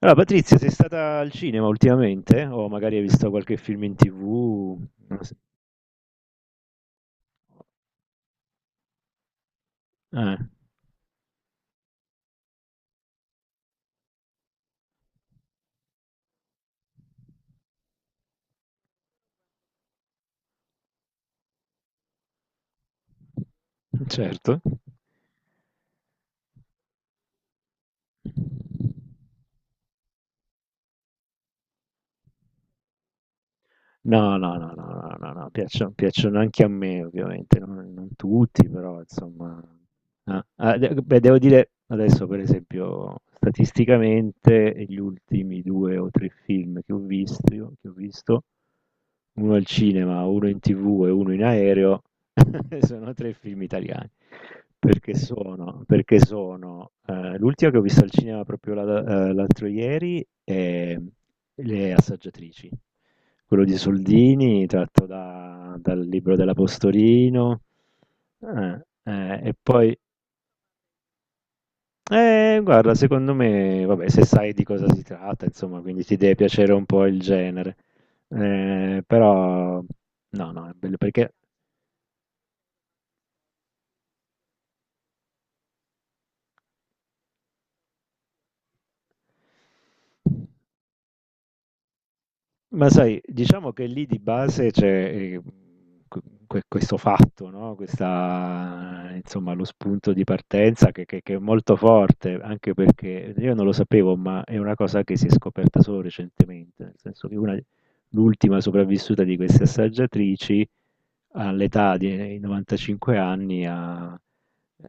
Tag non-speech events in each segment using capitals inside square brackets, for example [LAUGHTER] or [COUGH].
Allora, Patrizia, sei stata al cinema ultimamente? O magari hai visto qualche film in TV? Non so. Eh, certo. No, no, no, no, no, no, no, piacciono, piacciono anche a me, ovviamente, non tutti, però insomma. Ah, ah, beh, devo dire adesso, per esempio, statisticamente, gli ultimi due o tre film che ho visto, che ho visto, uno al cinema, uno in TV e uno in aereo, [LAUGHS] sono 3 film italiani. Perché sono, l'ultima che ho visto al cinema proprio la, l'altro ieri è Le assaggiatrici. Quello di Soldini tratto da dal libro della Postorino, e poi guarda secondo me vabbè se sai di cosa si tratta insomma, quindi ti deve piacere un po' il genere. Però no, no, è bello perché. Ma sai, diciamo che lì di base c'è questo fatto, no? Questa, insomma, lo spunto di partenza che è molto forte, anche perché io non lo sapevo, ma è una cosa che si è scoperta solo recentemente, nel senso che una, l'ultima sopravvissuta di queste assaggiatrici all'età di 95 anni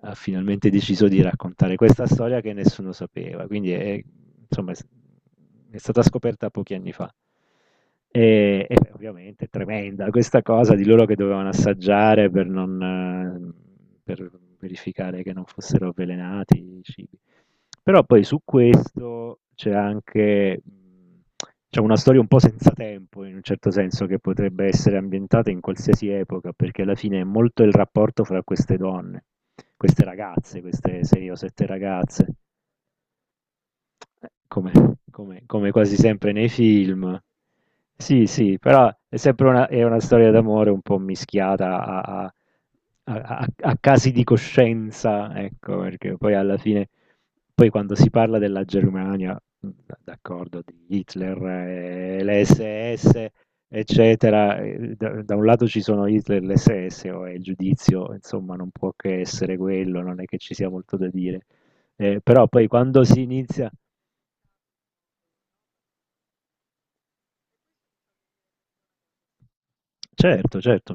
ha finalmente deciso di raccontare questa storia che nessuno sapeva, quindi è, insomma, è stata scoperta pochi anni fa. E beh, ovviamente è tremenda questa cosa di loro che dovevano assaggiare per, non, per verificare che non fossero avvelenati i cibi. Però poi su questo c'è anche c'è una storia un po' senza tempo, in un certo senso, che potrebbe essere ambientata in qualsiasi epoca, perché alla fine è molto il rapporto fra queste donne, queste ragazze, queste 6 o 7 ragazze. Come, come quasi sempre nei film. Sì, sì, però è sempre una, è una storia d'amore un po' mischiata a, a casi di coscienza, ecco, perché poi alla fine, poi quando si parla della Germania, d'accordo, di Hitler, le SS, eccetera, da un lato ci sono Hitler, e le SS, o è il giudizio, insomma, non può che essere quello, non è che ci sia molto da dire. Però poi quando si inizia. Certo, certo.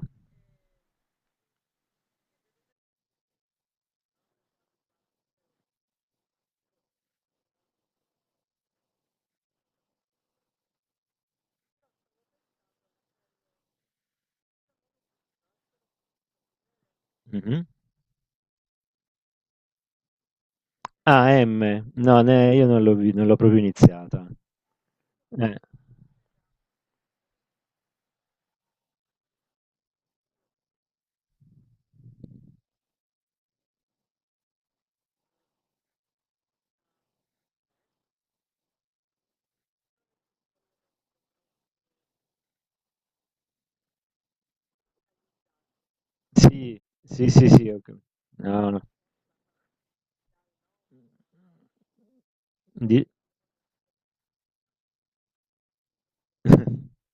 Mh-mh. Ah, M. No, ne io non l'ho proprio iniziata. Eh. Sì, sì, sì, sì, ho ca no, no. Di [LAUGHS]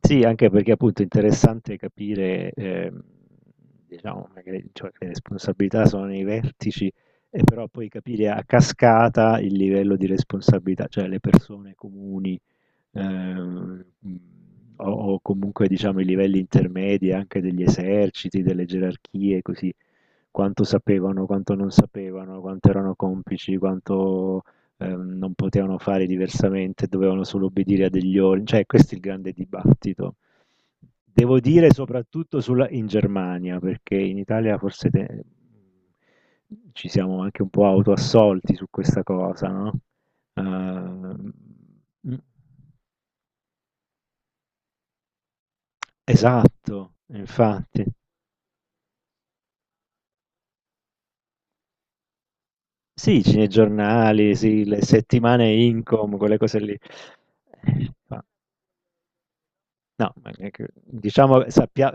Sì, anche perché appunto è interessante capire, diciamo magari cioè che le responsabilità sono nei vertici, e però poi capire a cascata il livello di responsabilità, cioè le persone comuni ehm, o comunque diciamo i livelli intermedi anche degli eserciti, delle gerarchie, così quanto sapevano, quanto non sapevano, quanto erano complici, quanto non potevano fare diversamente, dovevano solo obbedire a degli ordini, cioè questo è il grande dibattito. Devo dire soprattutto in Germania, perché in Italia forse ci siamo anche un po' autoassolti su questa cosa, no? Ehm, mm. Esatto, infatti. Sì, i cinegiornali, sì, le settimane Incom, quelle cose lì. Eh, No, ma neanche diciamo sappia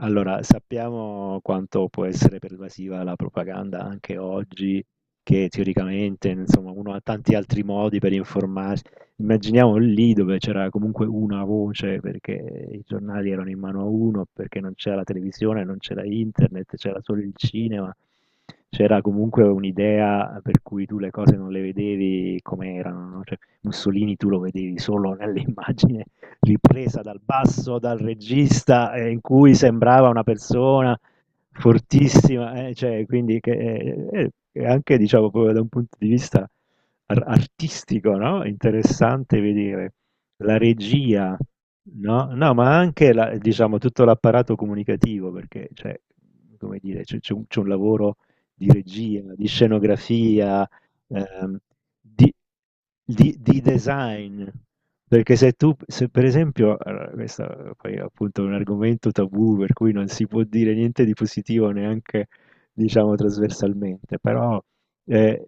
allora, sappiamo quanto può essere pervasiva la propaganda anche oggi, che teoricamente, insomma, uno ha tanti altri modi per informarsi. Immaginiamo lì dove c'era comunque una voce, perché i giornali erano in mano a uno, perché non c'era la televisione, non c'era internet, c'era solo il cinema. C'era comunque un'idea per cui tu le cose non le vedevi come erano, no? Cioè, Mussolini tu lo vedevi solo nell'immagine ripresa dal basso, dal regista, in cui sembrava una persona fortissima, cioè, quindi che, anche diciamo proprio da un punto di vista artistico, no? Interessante vedere la regia, no? No, ma anche diciamo tutto l'apparato comunicativo, perché cioè, come dire, c'è un lavoro di regia, di scenografia, ehm, di, di design. Perché se tu, se per esempio, allora, questo poi è appunto un argomento tabù per cui non si può dire niente di positivo neanche, diciamo, trasversalmente, però eh,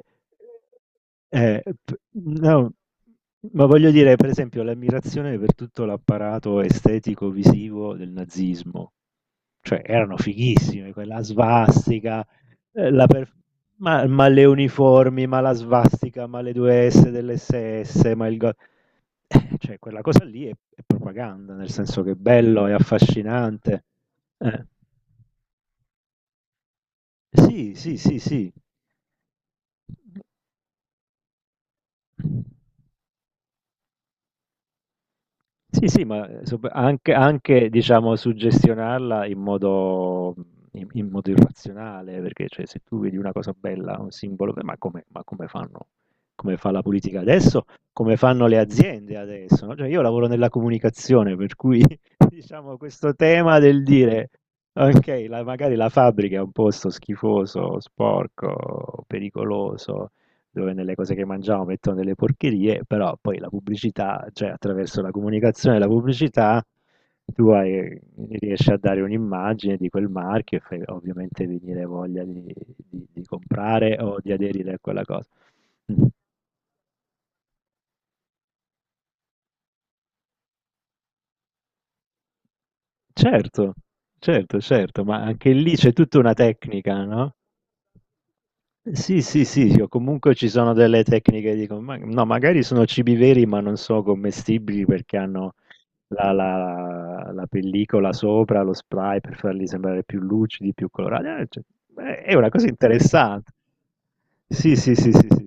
eh, p- no, ma voglio dire, per esempio, l'ammirazione per tutto l'apparato estetico-visivo del nazismo, cioè erano fighissime, quella svastica, eh, la per- ma, le uniformi, ma la svastica, ma le due S dell'SS, cioè quella cosa lì è propaganda, nel senso che è bello, è affascinante. Eh. Sì, sì, sì, sì. Sì, sì, ma, sop anche diciamo suggestionarla in modo irrazionale, perché cioè se tu vedi una cosa bella, un simbolo be ma come fanno come fa la politica adesso, come fanno le aziende adesso, no, cioè io lavoro nella comunicazione, per cui [LAUGHS] diciamo questo tema del dire: "Okay, la magari la fabbrica è un posto schifoso, sporco, pericoloso, dove nelle cose che mangiamo mettono delle porcherie, però poi la pubblicità, cioè attraverso la comunicazione e la pubblicità, tu hai- riesci a dare un'immagine di quel marchio e fai ovviamente venire voglia di, di comprare o di aderire a quella cosa. Certo, certo, certo, ma anche lì c'è tutta una tecnica, no? Sì, sì, sì, sì, o comunque ci sono delle tecniche no, magari sono cibi veri, ma non sono commestibili perché hanno la pellicola sopra, lo spray per farli sembrare più lucidi, più colorati. Cioè, è una cosa interessante. Sì, sì, sì, sì, sì, sì.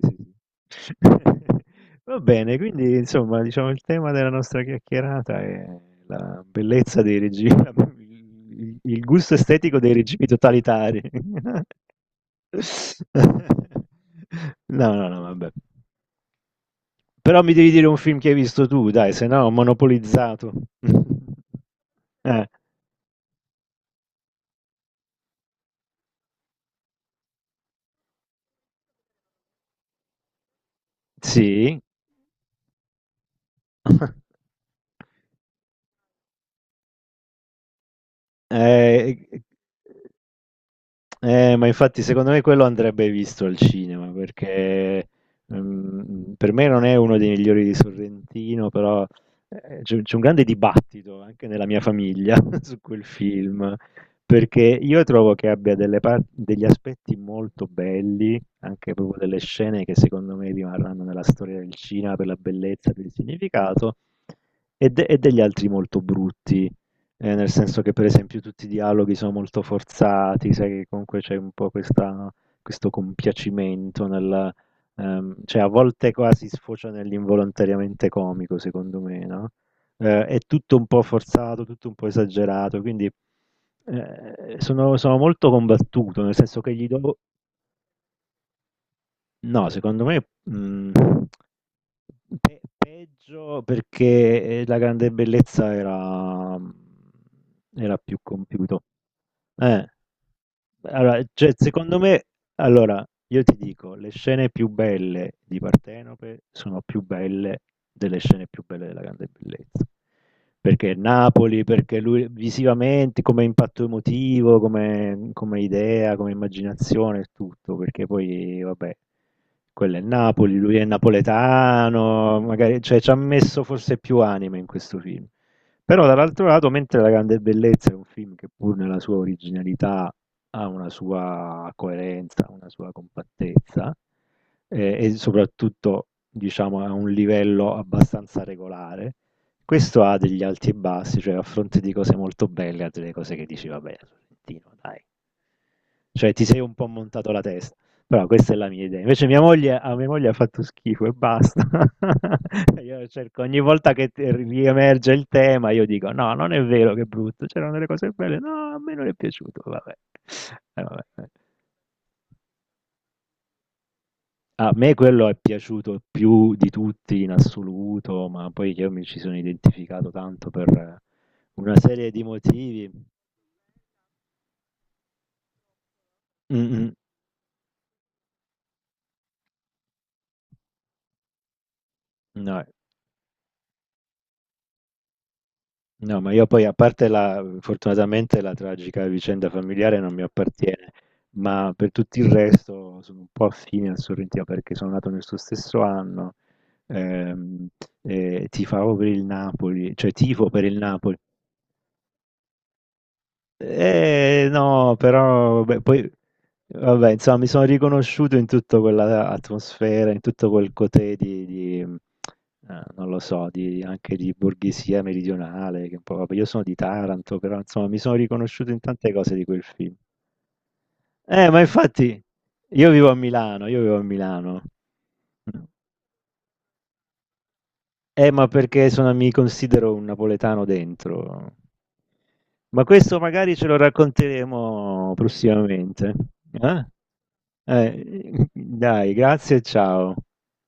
Sì. [LAUGHS] Va bene, quindi insomma, diciamo il tema della nostra chiacchierata è la bellezza dei regimi, [LAUGHS] il gusto estetico dei regimi totalitari. [LAUGHS] [LAUGHS] No, no, no, vabbè. Però mi devi dire un film che hai visto tu, dai, se no ho monopolizzato. [LAUGHS] Eh, sì. [LAUGHS] Eh, ma infatti secondo me quello andrebbe visto al cinema perché per me non è uno dei migliori di Sorrentino, però c'è un grande dibattito anche nella mia famiglia [LAUGHS] su quel film, perché io trovo che abbia degli aspetti molto belli, anche proprio delle scene che secondo me rimarranno nella storia del cinema per la bellezza, per il significato, e, e degli altri molto brutti nel senso che per esempio tutti i dialoghi sono molto forzati, sai che comunque c'è un po' questo compiacimento nel, cioè a volte quasi sfocia nell'involontariamente comico, secondo me, no? È tutto un po' forzato, tutto un po' esagerato, quindi sono molto combattuto, nel senso che gli do. No, secondo me peggio perché La Grande Bellezza era, più compiuto. Eh, Allora, cioè, secondo me, allora, io ti dico, le scene più belle di Partenope sono più belle delle scene più belle della Grande Bellezza. Perché Napoli, perché lui visivamente, come impatto emotivo, come idea, come immaginazione, tutto, perché poi, vabbè. Quello è il Napoli, lui è napoletano, magari, cioè ci ha messo forse più anima in questo film. Però dall'altro lato, mentre La Grande Bellezza è un film che pur nella sua originalità ha una sua coerenza, una sua compattezza e soprattutto diciamo a un livello abbastanza regolare, questo ha degli alti e bassi, cioè a fronte di cose molto belle ha delle cose che dici vabbè, Sorrentino, dai. Cioè ti sei un po' montato la testa però questa è la mia idea. Invece mia moglie a mia moglie ha fatto schifo e basta. [LAUGHS] Io cerco ogni volta che t riemerge il tema, io dico: "No, non è vero che è brutto, c'erano delle cose belle". "No, a me non è piaciuto". Vabbè. E vabbè, eh. A me quello è piaciuto più di tutti in assoluto, ma poi io mi ci sono identificato tanto per una serie di motivi. Mh-mh. No, no, ma io poi a parte la fortunatamente la tragica vicenda familiare non mi appartiene, ma per tutto il resto sono un po' affine al Sorrentino perché sono nato nel suo stesso anno, ehm, e tifavo per il Napoli, cioè tifo per il Napoli no, però beh, poi, vabbè, insomma, mi sono riconosciuto in tutta quella atmosfera, in tutto quel cotè non lo so, di, anche di borghesia meridionale, che un po', vabbè, io sono di Taranto, però insomma, mi sono riconosciuto in tante cose di quel film. Ma infatti, io vivo a Milano, io vivo a Milano. Ma perché mi considero un napoletano dentro. Ma questo magari ce lo racconteremo prossimamente. Eh? Dai, grazie e ciao.